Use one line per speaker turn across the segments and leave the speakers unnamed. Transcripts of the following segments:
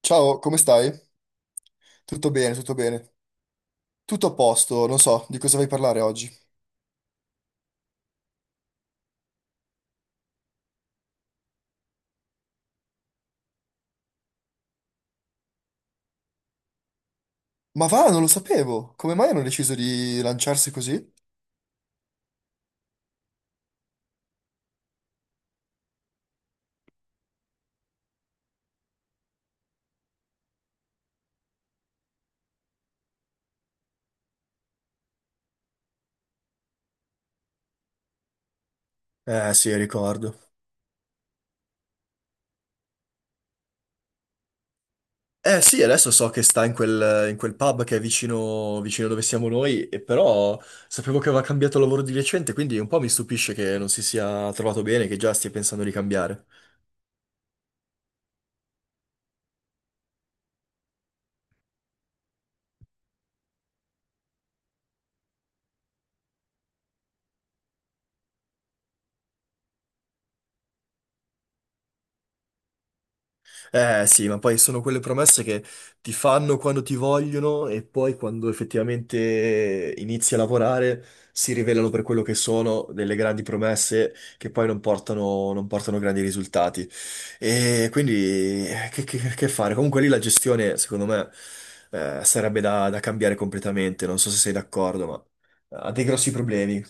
Ciao, come stai? Tutto bene, tutto bene. Tutto a posto, non so di cosa vai a parlare oggi. Ma va, non lo sapevo. Come mai hanno deciso di lanciarsi così? Eh sì, ricordo. Eh sì, adesso so che sta in quel pub che è vicino dove siamo noi, e però sapevo che aveva cambiato lavoro di recente, quindi un po' mi stupisce che non si sia trovato bene, che già stia pensando di cambiare. Eh sì, ma poi sono quelle promesse che ti fanno quando ti vogliono e poi quando effettivamente inizi a lavorare si rivelano per quello che sono delle grandi promesse che poi non portano, non portano grandi risultati. E quindi che fare? Comunque lì la gestione, secondo me, sarebbe da cambiare completamente. Non so se sei d'accordo, ma ha dei grossi problemi.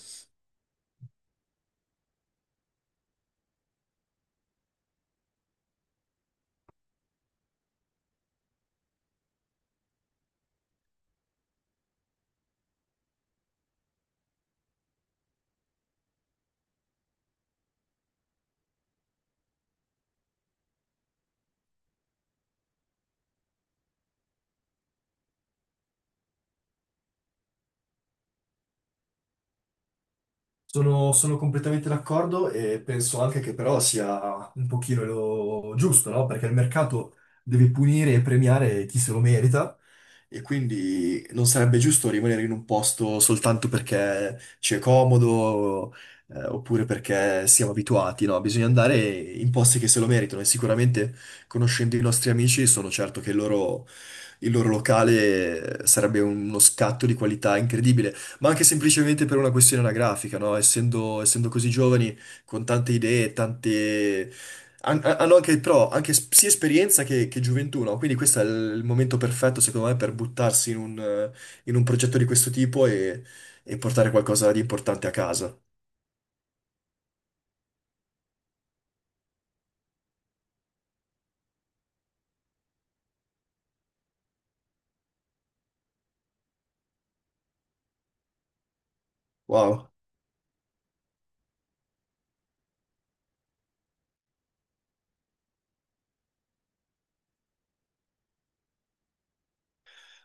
Sono completamente d'accordo e penso anche che però sia un pochino lo giusto, no? Perché il mercato deve punire e premiare chi se lo merita e quindi non sarebbe giusto rimanere in un posto soltanto perché ci è comodo, oppure perché siamo abituati, no? Bisogna andare in posti che se lo meritano e sicuramente conoscendo i nostri amici sono certo che il loro locale sarebbe uno scatto di qualità incredibile. Ma anche semplicemente per una questione anagrafica, no? Essendo così giovani, con tante idee, tante... Hanno anche, però, anche sia esperienza che gioventù, no? Quindi questo è il momento perfetto, secondo me, per buttarsi in un progetto di questo tipo e portare qualcosa di importante a casa. Wow.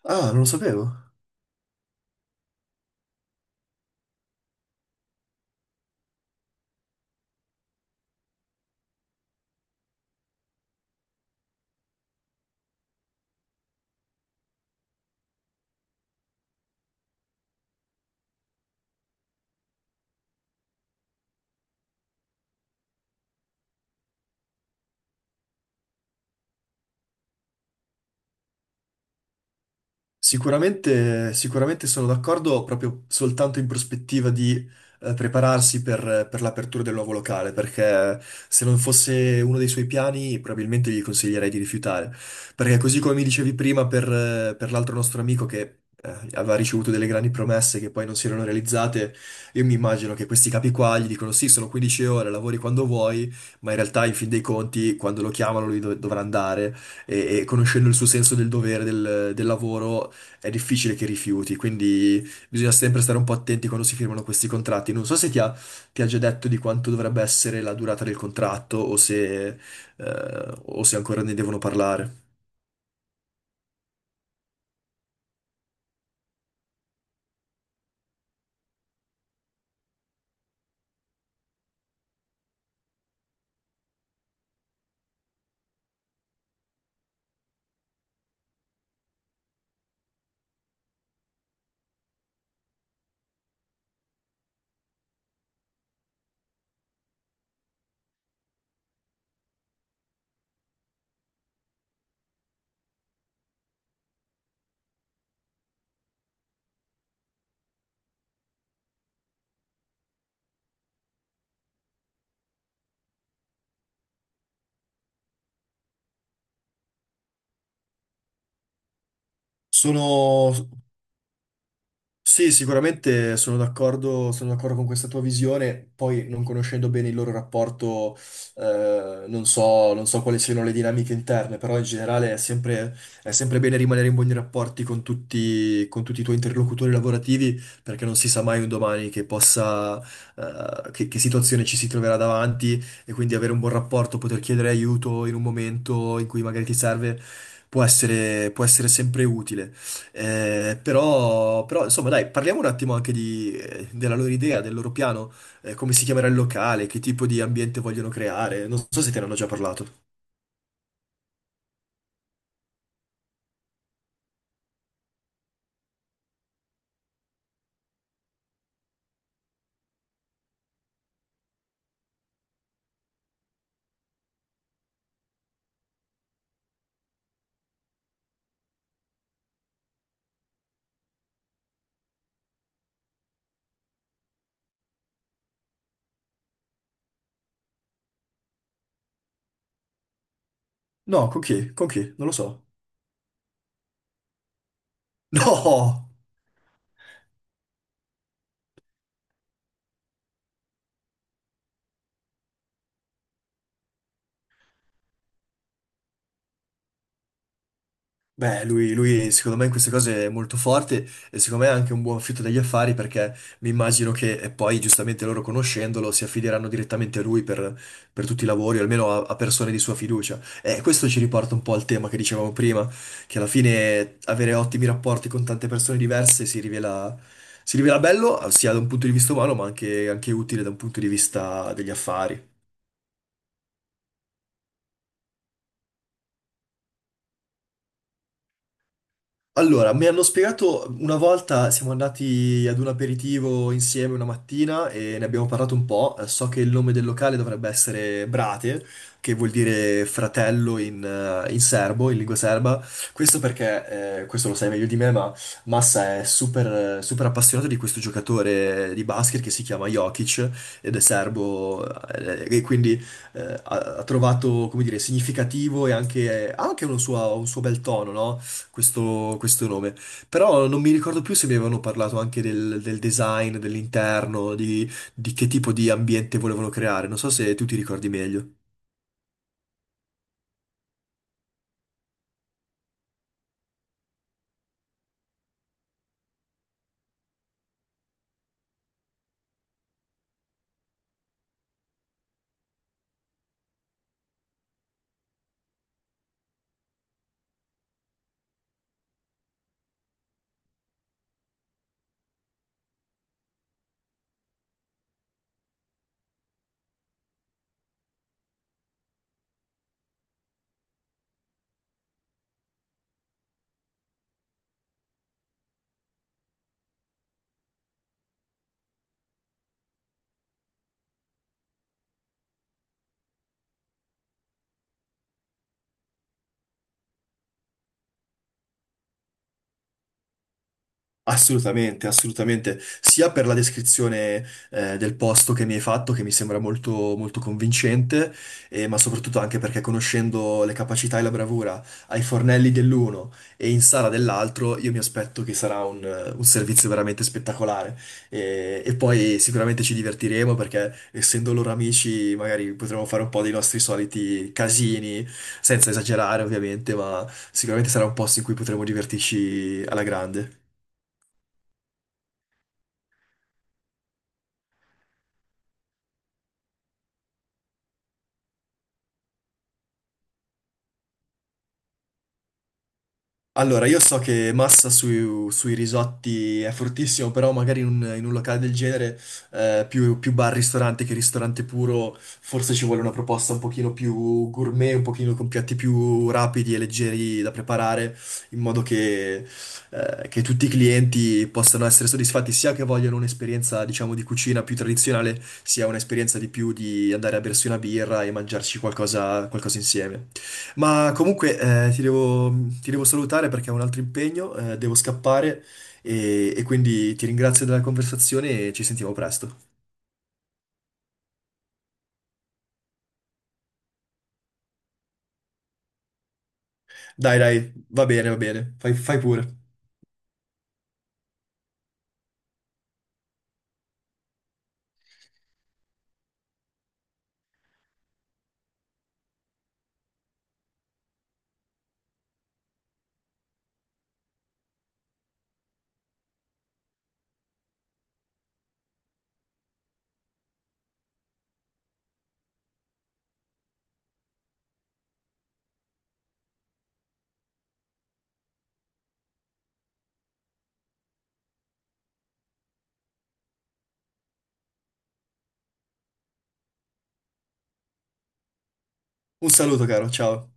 Ah, non lo sapevo. Sicuramente sono d'accordo proprio soltanto in prospettiva di prepararsi per l'apertura del nuovo locale, perché se non fosse uno dei suoi piani probabilmente gli consiglierei di rifiutare. Perché così come mi dicevi prima per l'altro nostro amico che aveva ricevuto delle grandi promesse che poi non si erano realizzate, io mi immagino che questi capi qua gli dicono sì, sono 15 ore, lavori quando vuoi, ma in realtà in fin dei conti quando lo chiamano lui dovrà andare e conoscendo il suo senso del dovere, del lavoro, è difficile che rifiuti, quindi bisogna sempre stare un po' attenti quando si firmano questi contratti. Non so se ti ha già detto di quanto dovrebbe essere la durata del contratto o se ancora ne devono parlare. Sono Sì, sicuramente sono d'accordo con questa tua visione, poi non conoscendo bene il loro rapporto, non so, non so quali siano le dinamiche interne, però in generale è sempre bene rimanere in buoni rapporti con tutti i tuoi interlocutori lavorativi, perché non si sa mai un domani che possa, che situazione ci si troverà davanti e quindi avere un buon rapporto, poter chiedere aiuto in un momento in cui magari ti serve, può essere sempre utile. Però, però, insomma, dai, parliamo un attimo anche della loro idea, del loro piano, come si chiamerà il locale, che tipo di ambiente vogliono creare. Non so se te ne hanno già parlato. No, con chi? Con chi? Non lo so. No! Beh, lui, secondo me in queste cose è molto forte e secondo me è anche un buon fitto degli affari perché mi immagino che e poi giustamente loro conoscendolo si affideranno direttamente a lui per tutti i lavori, o almeno a, a persone di sua fiducia. E questo ci riporta un po' al tema che dicevamo prima, che alla fine avere ottimi rapporti con tante persone diverse si rivela bello sia da un punto di vista umano ma anche anche utile da un punto di vista degli affari. Allora, mi hanno spiegato una volta, siamo andati ad un aperitivo insieme una mattina e ne abbiamo parlato un po'. So che il nome del locale dovrebbe essere Brate, che vuol dire fratello in serbo, in lingua serba. Questo perché, questo lo sai meglio di me, ma Massa è super appassionato di questo giocatore di basket che si chiama Jokic ed è serbo, e quindi ha trovato, come dire, significativo e anche, ha anche un suo bel tono, no? Questo nome. Però non mi ricordo più se mi avevano parlato anche del, del design, dell'interno, di che tipo di ambiente volevano creare. Non so se tu ti ricordi meglio. Assolutamente, assolutamente, sia per la descrizione del posto che mi hai fatto, che mi sembra molto, molto convincente, ma soprattutto anche perché conoscendo le capacità e la bravura ai fornelli dell'uno e in Sara dell'altro, io mi aspetto che sarà un servizio veramente spettacolare. E poi sicuramente ci divertiremo perché essendo loro amici, magari potremo fare un po' dei nostri soliti casini, senza esagerare ovviamente, ma sicuramente sarà un posto in cui potremo divertirci alla grande. Allora, io so che Massa sui risotti è fortissimo, però magari in un locale del genere, più bar-ristorante che ristorante puro, forse ci vuole una proposta un pochino più gourmet, un pochino con piatti più rapidi e leggeri da preparare, in modo che tutti i clienti possano essere soddisfatti, sia che vogliono un'esperienza, diciamo, di cucina più tradizionale, sia un'esperienza di più di andare a bersi una birra e mangiarci qualcosa, qualcosa insieme. Ma comunque eh, ti devo, ti devo salutare perché ho un altro impegno, devo scappare e quindi ti ringrazio della conversazione e ci sentiamo presto. Dai, dai, va bene, fai, fai pure. Un saluto, caro, ciao.